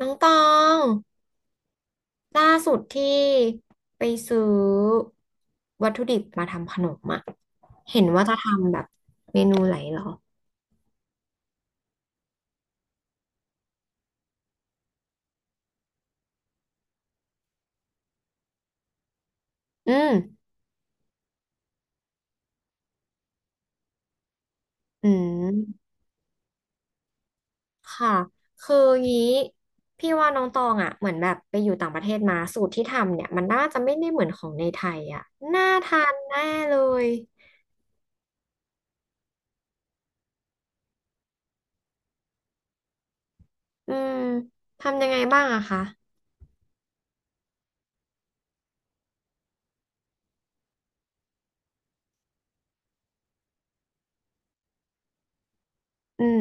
น้องตองล่าสุดที่ไปซื้อวัตถุดิบมาทำขนมอะเห็นว่าจะทำแบบเมนูไหนเหรออืมอืมค่ะ คืองี้พี่ว่าน้องตองอะเหมือนแบบไปอยู่ต่างประเทศมาสูตรที่ทำเนี่ยมันน่าจะไม่ได้เหมือนของในไทยอะน่าทานแน่เลยอืมทำยังไงบ้างอะคะอืม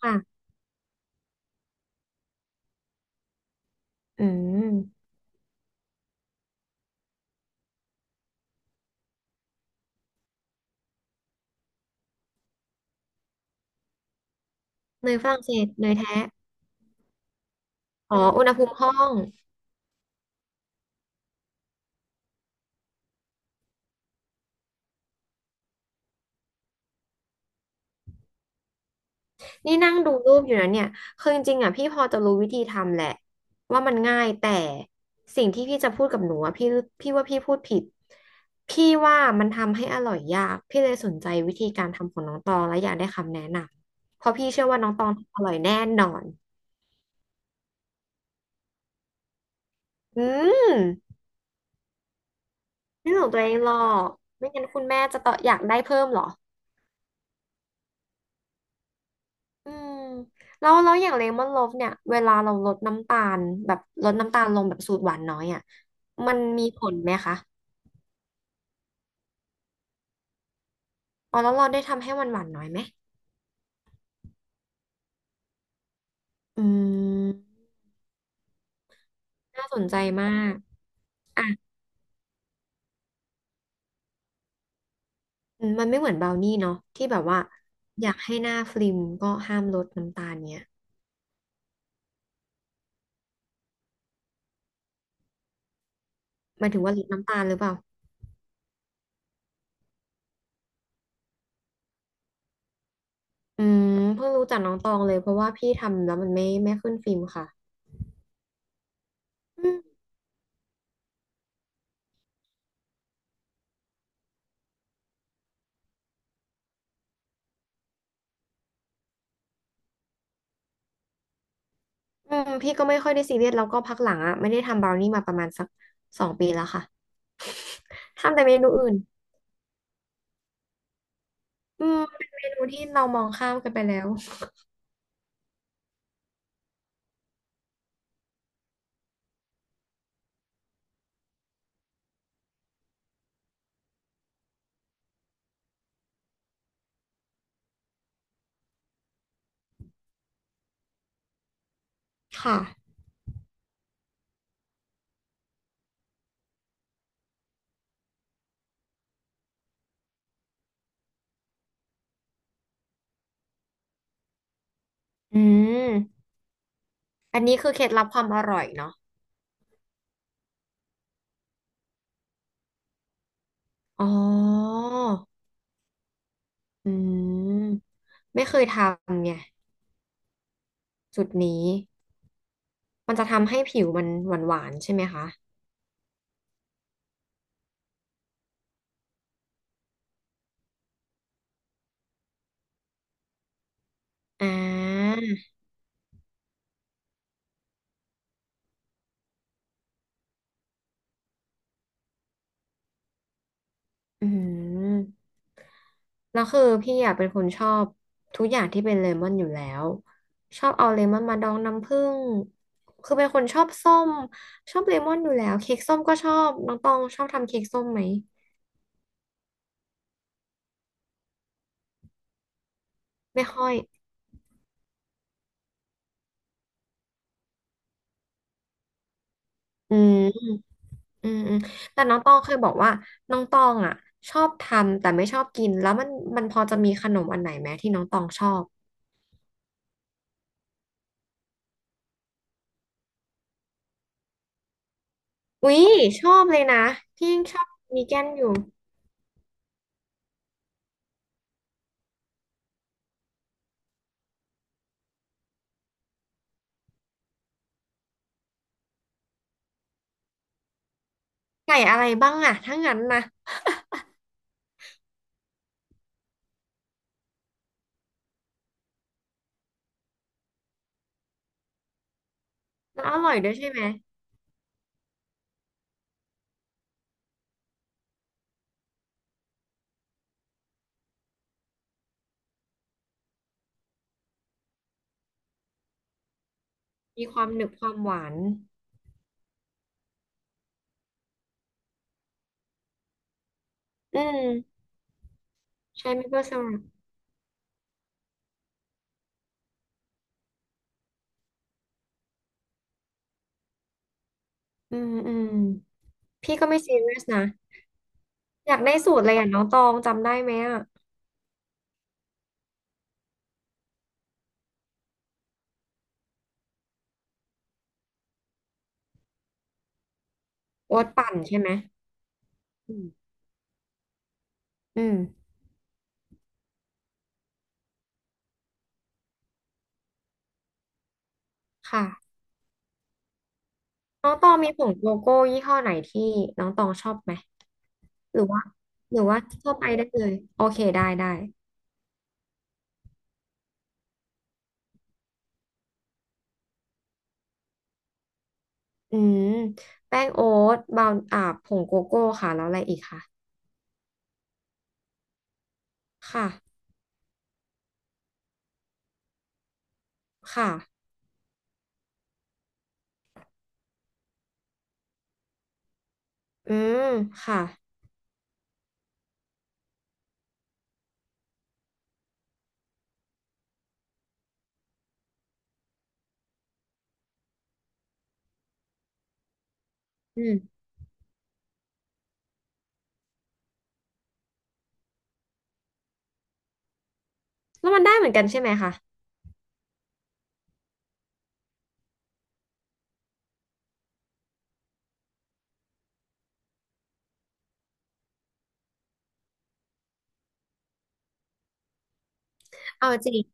ค่ะ อืมเนยฝรั่งเศสเนยแท้อ๋อ อุณหภูมิห้อง นี่นั่งดูรูปอยู่นะเนี่ยคือจริงๆอ่ะพี่พอจะรู้วิธีทำแหละว่ามันง่ายแต่สิ่งที่พี่จะพูดกับหนูอ่ะพี่ว่าพี่พูดผิดพี่ว่ามันทำให้อร่อยยากพี่เลยสนใจวิธีการทำของน้องตองและอยากได้คำแนะนำเพราะพี่เชื่อว่าน้องตองทำอร่อยแน่นอนอืมไม่หลงตัวเองหรอกไม่งั้นคุณแม่จะต่ออยากได้เพิ่มเหรออืมแล้วแล้วอย่างเลมอนโลฟเนี่ยเวลาเราลดน้ำตาลแบบลดน้ำตาลลงแบบสูตรหวานน้อยอ่ะมันมีผลไหมคะ อ๋อแล้วเราได้ทำให้หวานหวานน้อยไหมอืมน่าสนใจมากอ่ะอืมมันไม่เหมือนบราวนี่เนาะที่แบบว่าอยากให้หน้าฟลิมก็ห้ามลดน้ำตาลเนี่ยหมายถึงว่าลดน้ำตาลหรือเปล่าอืมเพิ่งรู้จักน้องตองเลยเพราะว่าพี่ทำแล้วมันไม่ขึ้นฟิล์มค่ะอืมอืมพี่ก็ไม่ค่อยได้ซีเรียสแล้วก็พักหลังอ่ะไม่ได้ทำบราวนี่มาประมาณสัก2 ปีแล้วค่ะทำแต่เมนูอื่นอืมเป็นเมนูที่เรามองข้ามกันไปแล้วค่ะอืมอันนี้คือเคล็ดลับความอร่อยเนาะ อ๋ออืมไม่เคยทำไงจุดนี้มันจะทำให้ผิวมันหวานๆใช่ไหมคะอ่าอืมแล้วคือพี่อ่ะเป็นคนชอบทุกอย่างที่เป็นเลมอนอยู่แล้ว ชอบเอาเลมอนมาดองน้ำผึ้ง คือเป็นคนชอบส้มชอบเลมอนอยู่แล้วเค้กส้มก็ชอบน้องตองชอบทำเค้กส้มไหมไม่ค่อยอืม อืมอืมแต่น้องตองเคยบอกว่าน้องตองอ่ะชอบทำแต่ไม่ชอบกินแล้วมันพอจะมีขนมอันไหนไหมที่น้องตองชอบอุ๊ยชอบเลยนะพี่ยังชอบวีแกนอยู่ไก่อะไรบ้างอ่ะถ้างั้นนะแล้วอร่อยด้วยใช่ไหมมีความหนึบความหวานอืมใช่ไหมเปื่อนสรับอืมอืมพี่ก็ไม่ซีเรียสนะอยากได้สูตรเลยอ่ะน้องตองจำได้ไหมอ่ะโอ๊ตปั่นใช่ไหมอืมอืมค่ะน้องตองมีผงโกโก้ยี่ห้อไหนที่น้องตองชอบไหม หรือว่าหรือว่าทั่วไปได้เลยโอเคได้ได้อืมแป้งโอ๊ตบราวน์อ่าผงโกโก้ค่ะแล้วอะไรอีกค่ะค่ะค่ะอืมค่ะอืมแล้วมันได้เหมือนกันใช่ไหมคะเอาจริง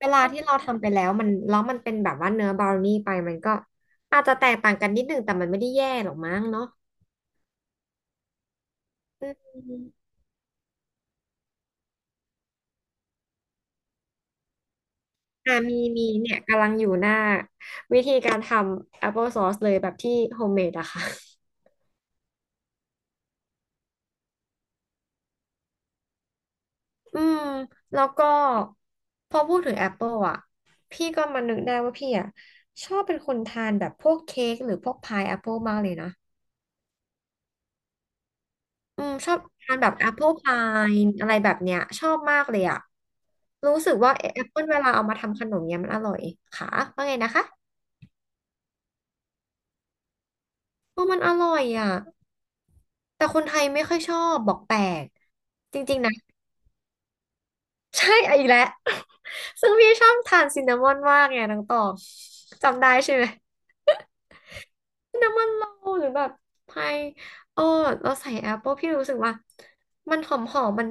เวลาที่เราทำไปแล้วมันเป็นแบบว่าเนื้อบราวนี่ไปมันก็อาจจะแตกต่างกันนิดนึงแต่มันไม่ได้แย่หรอกมั้งเนาะอืมอ่ามีเนี่ยกำลังอยู่หน้าวิธีการทำ Apple Sauce เลยแบบที่โฮมเมดอะค่ะ อืมแล้วก็พอพูดถึงแอปเปิลอ่ะพี่ก็มานึกได้ว่าพี่อ่ะชอบเป็นคนทานแบบพวกเค้กหรือพวกพายแอปเปิลมากเลยนะอืมชอบทานแบบแอปเปิลพายอะไรแบบเนี้ยชอบมากเลยอ่ะรู้สึกว่าแอปเปิลเวลาเอามาทำขนมเนี้ยมันอร่อยค่ะว่าไงนะคะเ่าะมันอร่อยอ่ะแต่คนไทยไม่ค่อยชอบบอกแปลกจริงๆนะใช่อ่ะอีกแล้ว ซึ่งพี่ชอบทานซินนามอนมากไงน้องตองจำได้ใช่ไหม น้ำมันโลหรือแบบพายเออเราใส่แอปเปิลพี่รู้สึกว่ามันหอมหอมมัน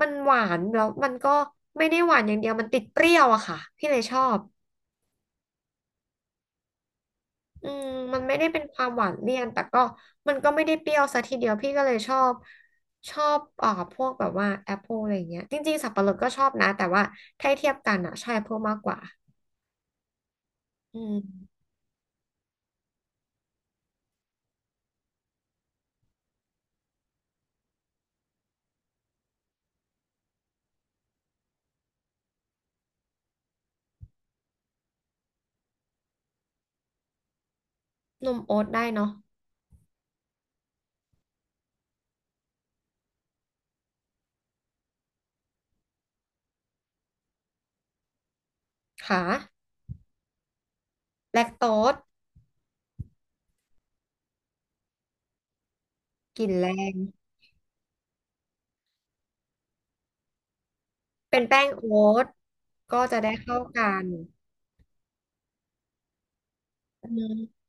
มันหวานแล้วมันก็ไม่ได้หวานอย่างเดียวมันติดเปรี้ยวอะค่ะพี่เลยชอบอืมมันไม่ได้เป็นความหวานเลี่ยนแต่ก็มันก็ไม่ได้เปรี้ยวซะทีเดียวพี่ก็เลยชอบชอบพวกแบบว่าแอปเปิลอะไรอย่างเงี้ยจริงๆสับปะรดก็ชอบนะแต่ว่าถ้าเทียบกันอะใช่แอปเปิลมากกว่าอืมนมโอ๊ตได้เนาะค่ะแลคโตสกลิ่นแรง เป็นแป้งโอ๊ตก็จะได้เข้ากันอืม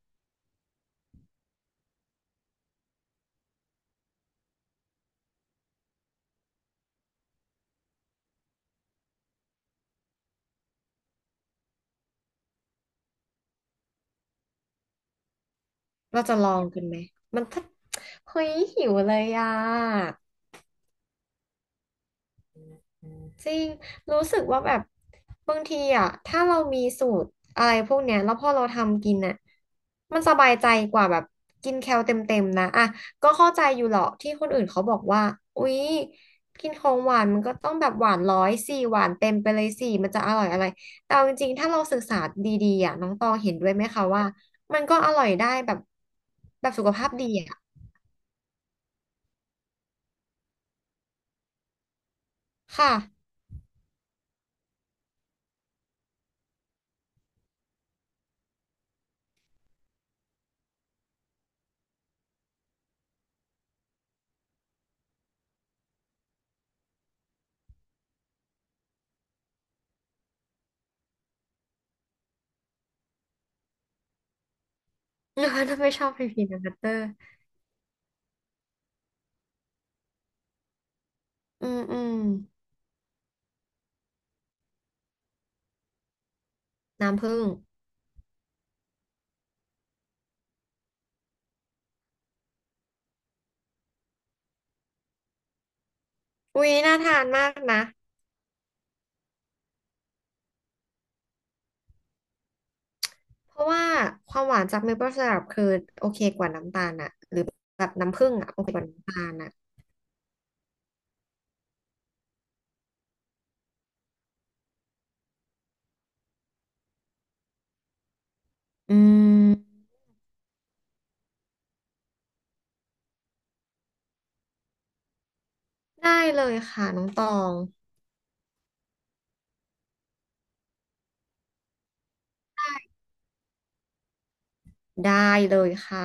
เราจะลองกันไหมมันถ้าเฮ้ยหิวเลยอ่ะ จริงรู้สึกว่าแบบบางทีอ่ะถ้าเรามีสูตรอะไรพวกเนี้ยแล้วพอเราทำกินอ่ะมันสบายใจกว่าแบบกินแคลเต็มๆนะอ่ะก็เข้าใจอยู่หรอกที่คนอื่นเขาบอกว่าอุ๊ยกินของหวานมันก็ต้องแบบหวานร้อยสี่หวานเต็มไปเลยสี่มันจะอร่อยอะไรแต่เอาจริงๆถ้าเราศึกษาดีๆอ่ะน้องตองเห็นด้วยไหมคะว่ามันก็อร่อยได้แบบแบบสุขภาพดีอ่ะค่ะ ถ้าไม่ชอบพีนัทเตอร์อืมอืมน้ำผึ้ง อุ๊ยน่าทานมากนะเพราะว่าความหวานจากเมเปิลไซรัปคือโอเคกว่าน้ำตาลอะหรือแบบน้ำผึ้งอะโอเคกว่าน้ำตาลอะอืมได้เลยค่ะน้องตองได้เลยค่ะ